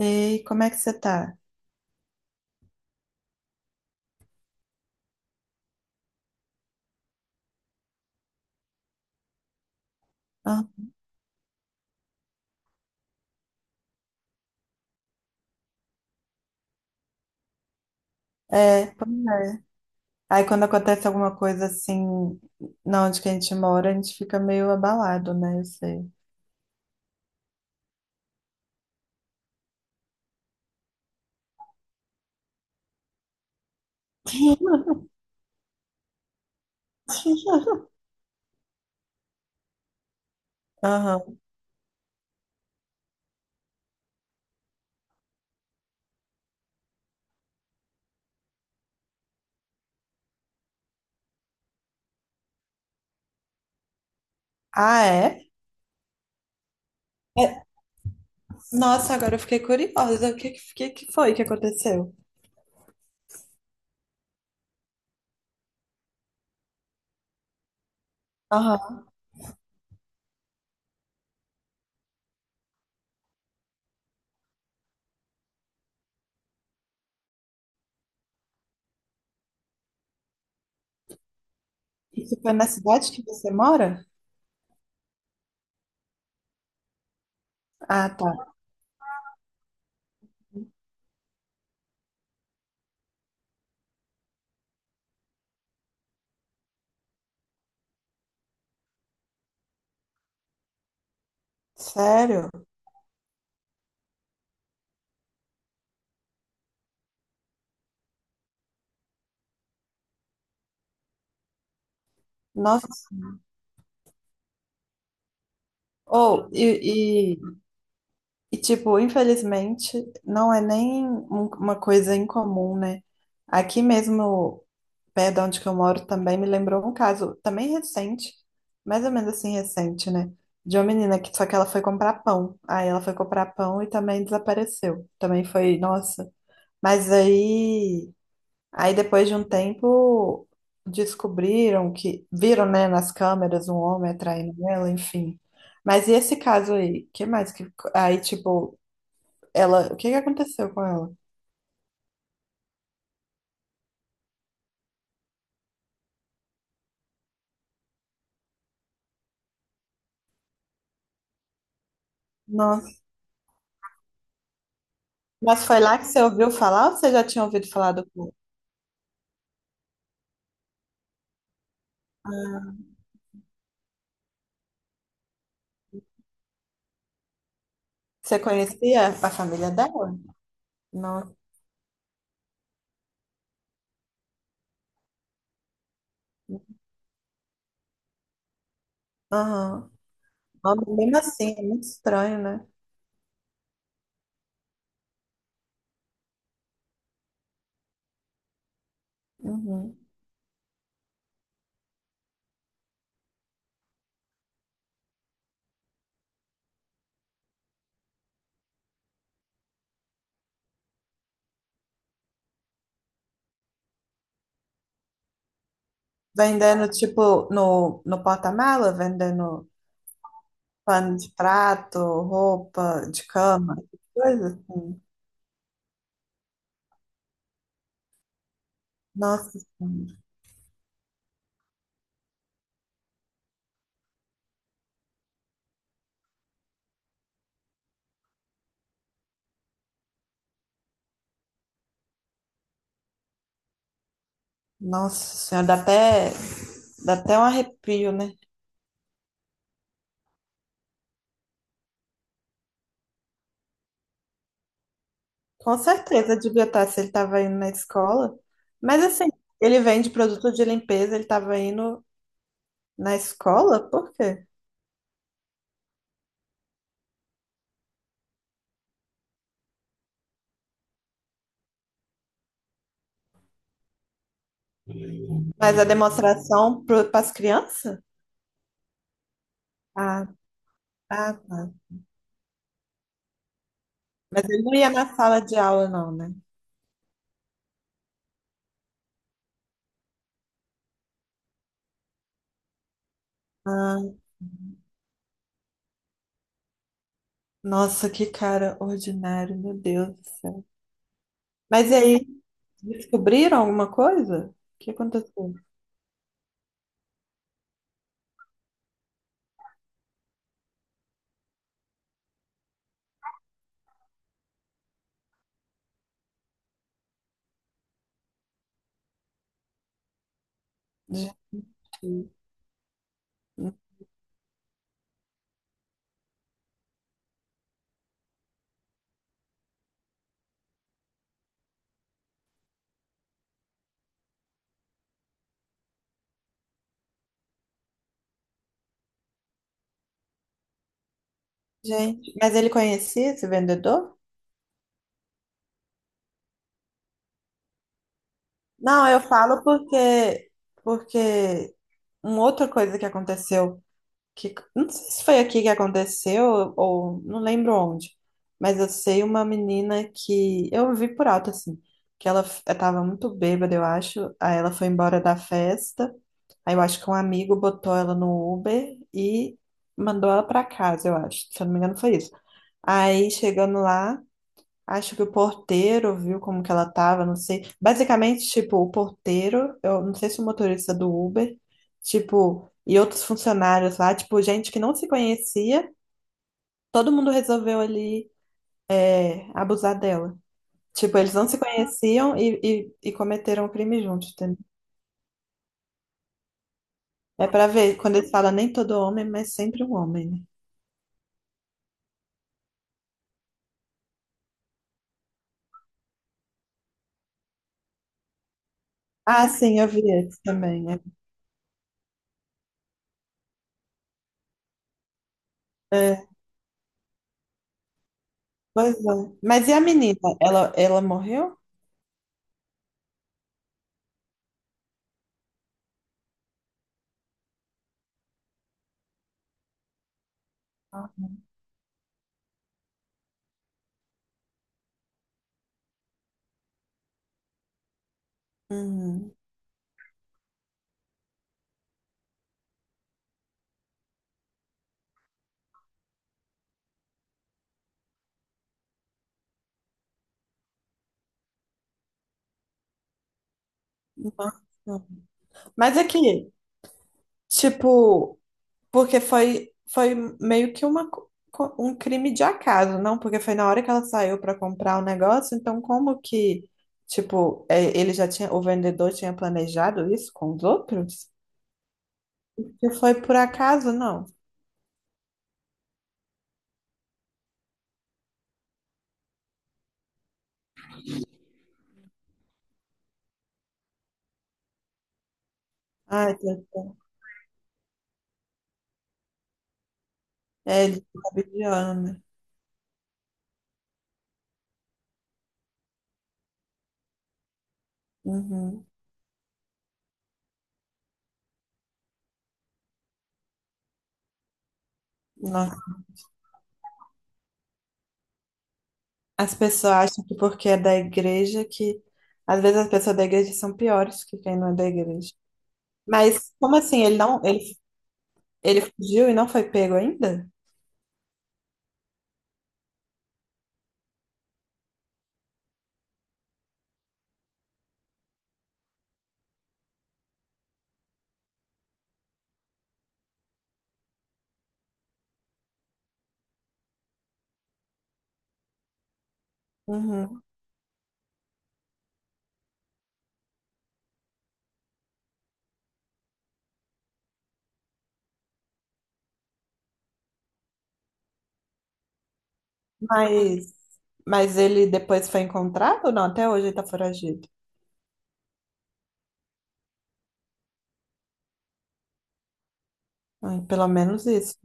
Ei, como é que você tá? Ah, é, pois é. Aí quando acontece alguma coisa assim, na onde que a gente mora, a gente fica meio abalado, né? Eu sei. Aham. Ah, é? É, Nossa, agora eu fiquei curiosa. O que foi que aconteceu? Aham. Isso foi na cidade que você mora? Ah, tá. Sério? Nossa. Ou, tipo, infelizmente, não é nem uma coisa incomum, né? Aqui mesmo perto de onde que eu moro também me lembrou um caso, também recente, mais ou menos assim recente, né? De uma menina que Só que ela foi comprar pão. Aí ela foi comprar pão e também desapareceu. Também foi, nossa. Mas aí, depois de um tempo descobriram que viram, né, nas câmeras um homem atraindo ela, enfim. Mas e esse caso aí? Que mais que aí tipo, ela, o que aconteceu com ela? Nossa. Mas foi lá que você ouviu falar ou você já tinha ouvido falar do Você conhecia a família dela? Nossa. Aham. Nome mesmo assim, é muito estranho, né? Uhum. Vendendo, tipo, no porta-mala, vendendo pano de prato, roupa de cama, coisa assim. Nossa Senhora. Nossa Senhora, dá até um arrepio, né? Com certeza devia estar, se ele estava indo na escola. Mas assim, ele vende produto de limpeza, ele estava indo na escola? Por quê? Mas a demonstração para as crianças? Ah, ah, tá. Mas ele não ia na sala de aula, não, né? Ah, nossa, que cara ordinário, meu Deus do céu. Mas e aí, descobriram alguma coisa? O que aconteceu? Gente, gente, mas ele conhecia esse vendedor? Não, eu falo porque uma outra coisa que aconteceu, que não sei se foi aqui que aconteceu ou não lembro onde, mas eu sei uma menina que eu vi por alto assim, que ela estava muito bêbada, eu acho, aí ela foi embora da festa, aí eu acho que um amigo botou ela no Uber e mandou ela para casa, eu acho, se eu não me engano foi isso. Aí chegando lá acho que o porteiro viu como que ela tava, não sei. Basicamente, tipo, o porteiro, eu não sei se o motorista do Uber, tipo, e outros funcionários lá, tipo, gente que não se conhecia, todo mundo resolveu ali, é, abusar dela. Tipo, eles não se conheciam e, e cometeram o crime juntos, entendeu? É pra ver, quando eles falam nem todo homem, mas sempre um homem, né? Ah, sim, eu vi esse também. Né? É, pois é. Mas e a menina? Ela morreu? Hum, não. Mas aqui, tipo, porque foi, foi meio que uma, um crime de acaso, não? Porque foi na hora que ela saiu para comprar o negócio, então como que, tipo, é, ele já tinha, o vendedor tinha planejado isso com os outros? Que foi por acaso, não? Ai, Deus do céu. É, ele fica vigiando, né? Uhum. Nossa. As pessoas acham que porque é da igreja que... Às vezes as pessoas da igreja são piores que quem não é da igreja. Mas como assim? Ele fugiu e não foi pego ainda? Uhum. Mas, mas ele depois foi encontrado? Ou não, até hoje ele tá foragido. Ai, pelo menos isso.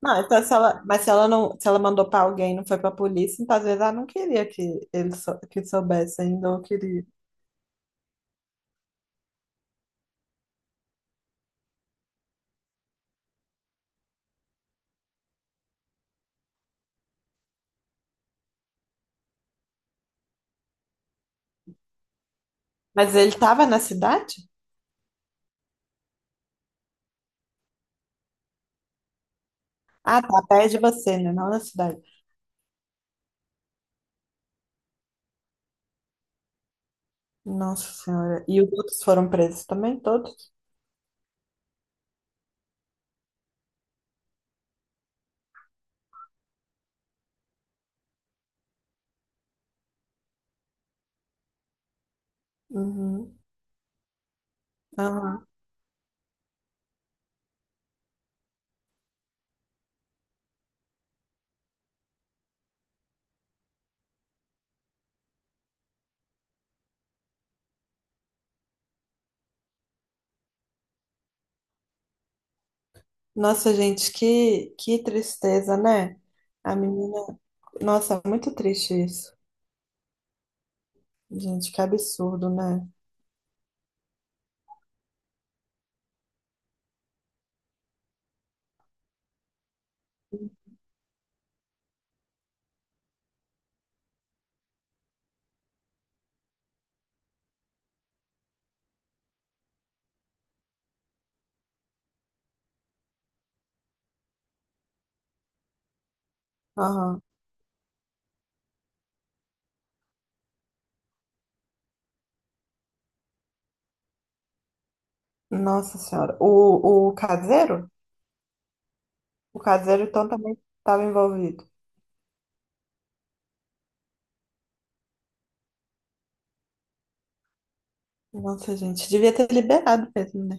Não, então se ela, mas se ela não, se ela mandou pra alguém, e não foi pra polícia, então às vezes ela não queria que ele que soubesse ainda ou queria. Mas ele tava na cidade? Ah, tá, perto você, né? Não na cidade. Nossa Senhora. E os outros foram presos também, todos? Uhum. Aham. Nossa, gente, que tristeza, né? A menina. Nossa, é muito triste isso. Gente, que absurdo, né? Aham. Nossa Senhora. O caseiro? O caseiro, então, também estava envolvido. Nossa, gente, devia ter liberado mesmo, né?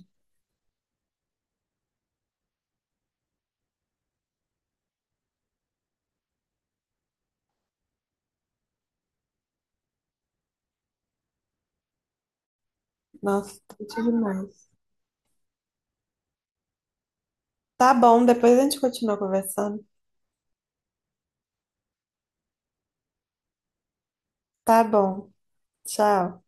Nossa, triste demais. Tá bom, depois a gente continua conversando. Tá bom. Tchau.